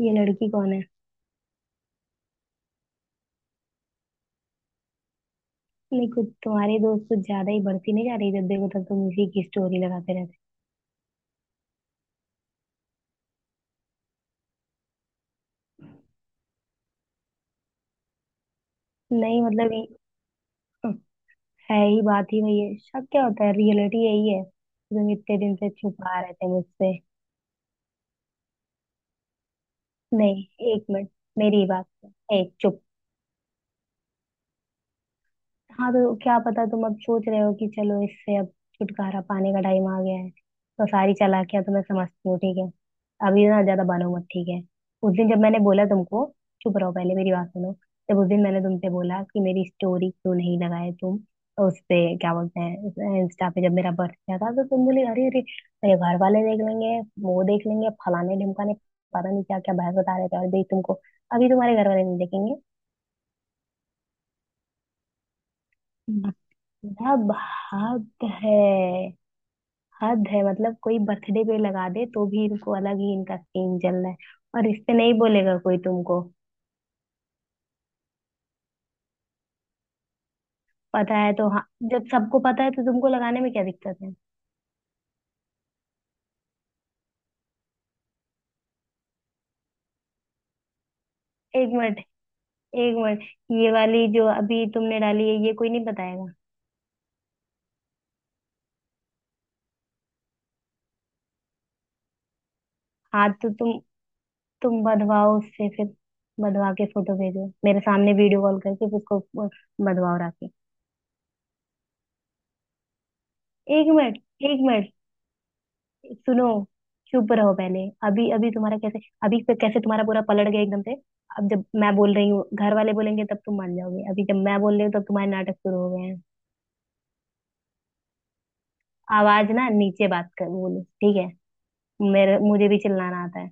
ये लड़की कौन है। नहीं, कुछ तुम्हारे दोस्त कुछ ज्यादा ही बढ़ती नहीं जा रही, जब देखो तब तुम इसी की स्टोरी लगाते रहते। नहीं मतलब, ये है ही, बात ही वही है, शक क्या होता है, रियलिटी यही है, तुम इतने दिन से छुपा रहे थे मुझसे। नहीं, एक मिनट, मेरी बात सुन। एक चुप। हाँ तो क्या पता, तुम अब सोच रहे हो कि चलो इससे अब छुटकारा पाने का टाइम आ गया है, तो सारी चालाकियां तो मैं समझती हूँ, ठीक है। अभी ना ज्यादा बनो मत, ठीक है। उस दिन जब मैंने बोला तुमको, चुप रहो पहले, मेरी बात सुनो। जब उस दिन मैंने तुमसे बोला कि मेरी स्टोरी क्यों नहीं लगाए तुम? उस पे क्या बोलते हैं, इंस्टा पे जब मेरा बर्थडे था तो तुम बोले, अरे अरे मेरे घर वाले देख लेंगे, वो देख लेंगे, फलाने ढिमकाने, पता नहीं क्या क्या बहस बता रहे थे, और भाई तुमको अभी तुम्हारे घर वाले नहीं देखेंगे। हम्म। मेरा भाग है। हद है, मतलब कोई बर्थडे पे लगा दे तो भी इनको अलग ही इनका सीन चल रहा है, और इस पे नहीं बोलेगा कोई तुमको? पता है तो हाँ। जब सबको पता है तो तुमको लगाने में क्या दिक्कत है? एक मिनट, एक मिनट, ये वाली जो अभी तुमने डाली है, ये कोई नहीं बताएगा? हाँ तो तुम बधवाओ उससे फिर, बधवा के फोटो भेजो मेरे सामने, वीडियो कॉल करके फिर उसको। बधवाओ राखी। एक मिनट, एक मिनट, सुनो, चुप रहो पहले। अभी अभी तुम्हारा कैसे अभी पे कैसे तुम्हारा पूरा पलट गया एकदम से? अब जब मैं बोल रही हूँ घर वाले बोलेंगे तब तुम मान जाओगे, अभी जब मैं बोल रही हूँ तब तुम्हारे नाटक शुरू हो गए हैं। आवाज ना नीचे बात कर बोलो, ठीक है, मेरे मुझे भी चिल्लाना आता है।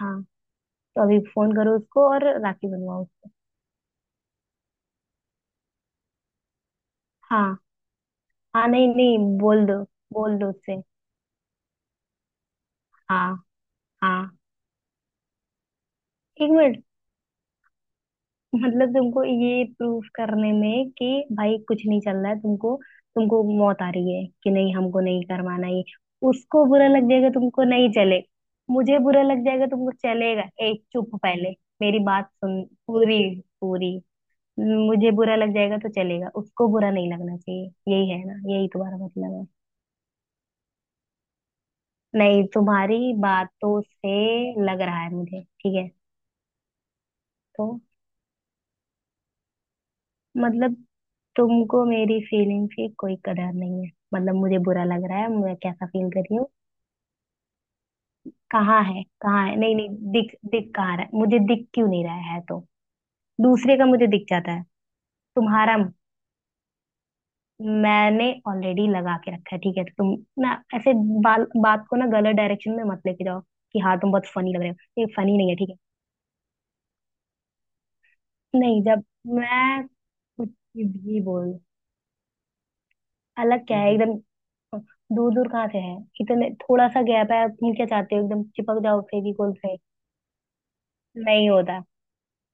हाँ तो अभी फोन करो उसको और राखी बनवाओ उसको। हाँ हाँ, नहीं नहीं, बोल दो। बोल दो उससे। हाँ, हाँ। एक मिनट। मतलब तुमको ये प्रूफ करने में कि भाई कुछ नहीं चल रहा है, तुमको तुमको मौत आ रही है कि नहीं, हमको नहीं करवाना ये? उसको बुरा लग जाएगा तुमको नहीं चले। मुझे बुरा लग जाएगा तुमको चलेगा, एक चुप पहले, मेरी बात सुन पूरी, पूरी। मुझे बुरा लग जाएगा तो चलेगा, उसको बुरा नहीं लगना चाहिए, यही है ना? यही तुम्हारा मतलब है? नहीं तुम्हारी बातों से लग रहा है मुझे, ठीक है। तो मतलब तुमको मेरी फीलिंग की कोई कदर नहीं है, मतलब मुझे बुरा लग रहा है, मैं कैसा फील कर रही हूँ? कहाँ है, कहाँ है, नहीं नहीं दिख दिख कहाँ रहा है, मुझे दिख क्यों नहीं रहा है तो? दूसरे का मुझे दिख जाता है, तुम्हारा। मैंने ऑलरेडी लगा के रखा है, ठीक है, तो तुम ना ऐसे बाल बात को ना गलत डायरेक्शन में मत लेके जाओ, कि हाँ तुम बहुत फनी लग रहे हो, ये फनी नहीं है, ठीक है। नहीं जब मैं कुछ भी बोल अलग क्या है? हम्म। एकदम दूर दूर कहाँ से है, इतने थोड़ा सा गैप है, तुम क्या चाहते हो, एकदम चिपक जाओ फेविकोल से? नहीं होता,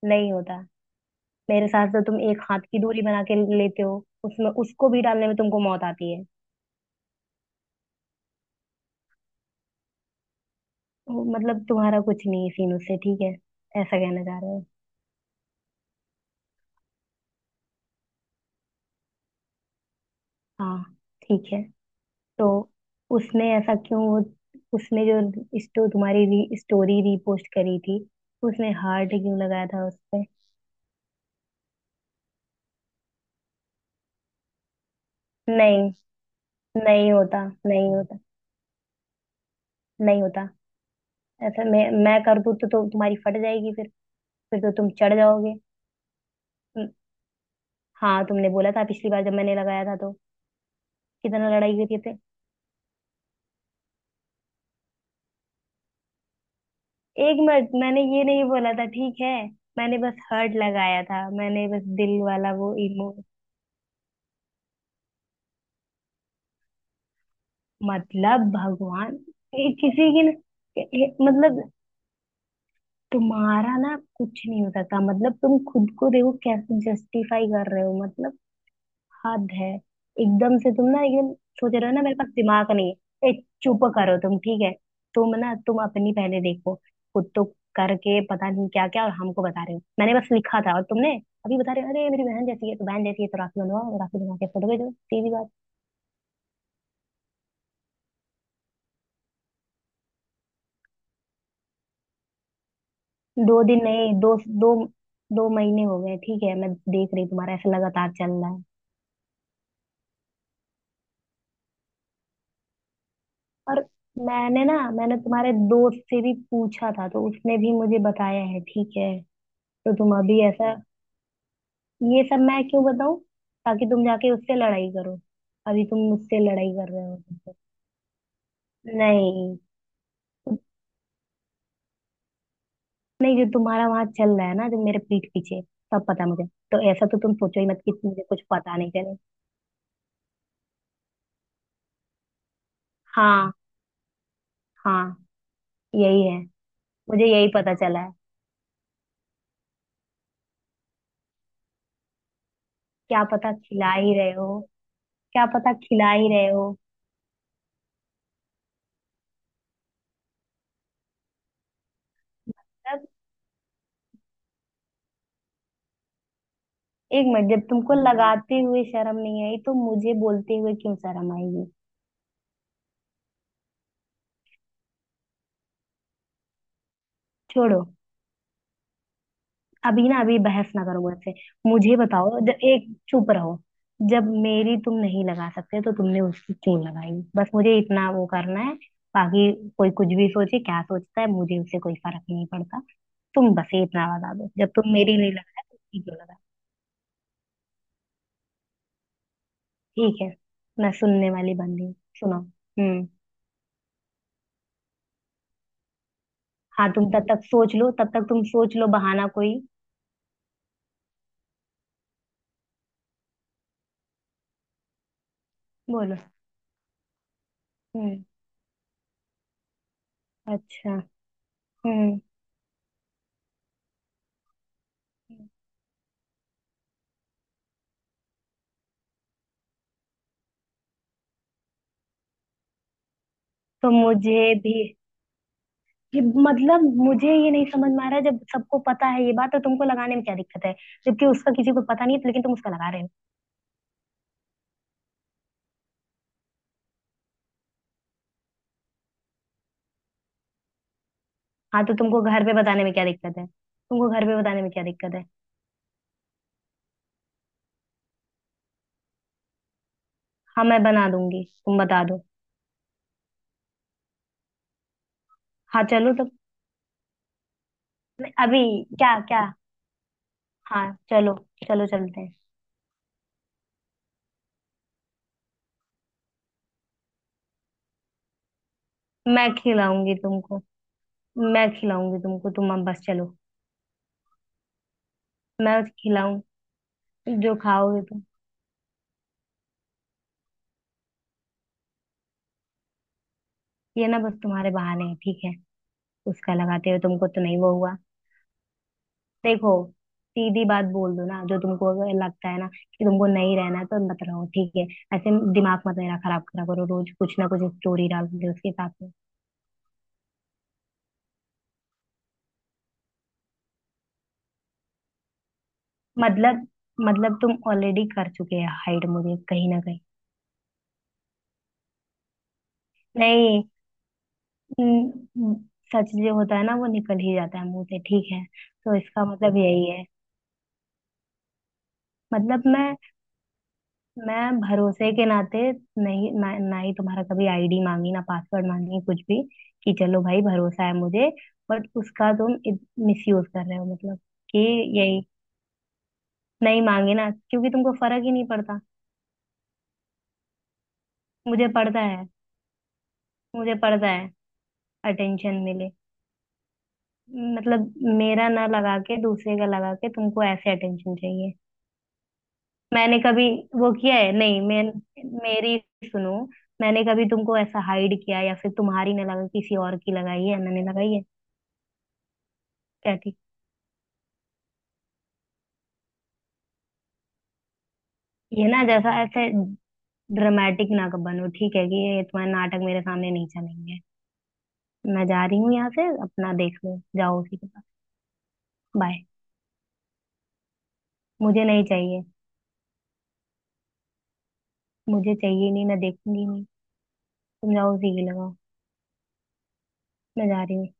नहीं होता, मेरे साथ तो तुम एक हाथ की दूरी बना के लेते हो, उसमें उसको भी डालने में तुमको मौत आती है। वो मतलब तुम्हारा कुछ नहीं है सीन उससे, ठीक है, ऐसा कहना चाह रहे हो? हाँ, ठीक है। तो उसने ऐसा क्यों वो, उसने जो स्टो तुम्हारी स्टोरी रीपोस्ट करी थी, उसने हार्ट क्यों लगाया था उस पे? नहीं, नहीं होता, नहीं होता, नहीं होता। ऐसा मैं कर दूँ तो तुम्हारी फट जाएगी फिर तो तुम चढ़ जाओगे। हम्म, हाँ तुमने बोला था पिछली बार जब मैंने लगाया था, तो कितना लड़ाई करी थे? एक मिनट, मैंने ये नहीं बोला था, ठीक है। मैंने बस हर्ट लगाया था, मैंने बस दिल वाला वो इमो। मतलब भगवान, ये किसी की न- ये- मतलब तुम्हारा ना कुछ नहीं हो सकता, मतलब तुम खुद को देखो कैसे जस्टिफाई कर रहे हो, मतलब हद है। एकदम से तुम ना एकदम सोच रहे हो ना, मेरे पास दिमाग नहीं है, ए चुप करो तुम, ठीक है। तुम ना, तुम अपनी पहले देखो, खुद तो करके पता नहीं क्या क्या और हमको बता रहे हो, मैंने बस लिखा था और तुमने अभी बता रहे हो अरे मेरी बहन जैसी है, तो बहन जैसी है तो राखी बनवाओ, राखी बनवा के फोटो भेजो, सीधी बात। दो दिन नहीं, दो दो दो महीने हो गए, ठीक है, मैं देख रही हूँ तुम्हारा ऐसा लगातार चल रहा है। और मैंने तुम्हारे दोस्त से भी पूछा था, तो उसने भी मुझे बताया है, ठीक है। तो तुम अभी ऐसा, ये सब मैं क्यों बताऊं, ताकि तुम जाके उससे लड़ाई करो? अभी तुम मुझसे लड़ाई कर रहे हो। नहीं, नहीं जो तुम्हारा वहां चल रहा है ना, जो मेरे पीठ पीछे, सब पता है मुझे, तो ऐसा तो तुम सोचो ही मत कि मुझे कुछ पता नहीं चले। हाँ, हाँ, यही है, मुझे यही पता चला है। क्या पता खिला ही रहे हो, क्या पता खिला ही रहे हो। तब एक मिनट, जब तुमको लगाते हुए शर्म नहीं आई तो मुझे बोलते हुए क्यों शर्म आएगी? छोड़ो, अभी ना अभी बहस ना करो मुझसे। मुझे बताओ, जब एक चुप रहो, जब मेरी तुम नहीं लगा सकते तो तुमने उसकी क्यों लगाई? बस मुझे इतना वो करना है, बाकी कोई कुछ भी सोचे, क्या सोचता है, मुझे उससे कोई फर्क नहीं पड़ता। तुम बस ये इतना बता दो, जब तुम मेरी नहीं लगा तो उसकी क्यों लगा? ठीक है, मैं सुनने वाली बंदी हूँ। सुनो। हम्म। हाँ तुम तब तक सोच लो, तब तक तुम सोच लो बहाना कोई। बोलो। हम्म। अच्छा। हम्म। तो मुझे भी, ये मतलब मुझे ये नहीं समझ में आ रहा है, जब सबको पता है ये बात, तो तुमको लगाने में क्या दिक्कत है? जबकि उसका किसी को पता नहीं है, लेकिन तुम उसका लगा रहे हो। हाँ तो तुमको घर पे बताने में क्या दिक्कत है, तुमको घर पे बताने में क्या दिक्कत है? हाँ मैं बना दूंगी, तुम बता दो। हाँ चलो तो। नहीं, अभी क्या क्या, हाँ चलो, चलो चलते हैं। मैं खिलाऊंगी तुमको। मैं खिलाऊंगी तुमको, तुम अब बस चलो। मैं खिलाऊं, जो खाओगे तुम। ये ना बस तुम्हारे बहाने हैं, ठीक है, उसका लगाते हो तुमको तो नहीं वो हुआ। देखो, सीधी बात बोल दो ना, जो तुमको अगर लगता है ना कि तुमको नहीं रहना है तो मत रहो, ठीक है, ऐसे दिमाग मत मेरा खराब करा करो, रोज कुछ ना कुछ स्टोरी डाल दो उसके साथ में। मतलब मतलब तुम ऑलरेडी कर चुके हो हाइड मुझे कहीं ना कहीं। नहीं, न- सच जो होता है ना वो निकल ही जाता है मुंह से, ठीक है। तो इसका मतलब यही है। मतलब मैं भरोसे के नाते, नहीं ना, ना ही तुम्हारा कभी आईडी मांगी, ना पासवर्ड मांगी, कुछ भी, कि चलो भाई भरोसा है मुझे, बट उसका तुम मिस यूज कर रहे हो, मतलब कि यही। नहीं मांगे ना क्योंकि तुमको फर्क ही नहीं पड़ता। मुझे पड़ता है, मुझे पड़ता है अटेंशन मिले, मतलब, मेरा ना लगा के दूसरे का लगा के तुमको ऐसे अटेंशन चाहिए? मैंने कभी वो किया है नहीं मैं, मेरी सुनो, मैंने कभी तुमको ऐसा हाइड किया, या फिर तुम्हारी ने लगा किसी और की लगाई है? मैंने लगाई है? क्या ठीक? ये ना जैसा ऐसे ड्रामेटिक ना कब बनो, ठीक है, कि ये तुम्हारे नाटक मेरे सामने नहीं चलेंगे। मैं जा रही हूँ यहाँ से, अपना देख लो, जाओ उसी के पास, बाय। मुझे नहीं चाहिए, मुझे चाहिए नहीं, मैं देखूंगी नहीं, तुम जाओ उसी के लगाओ, मैं जा रही हूँ, बाय।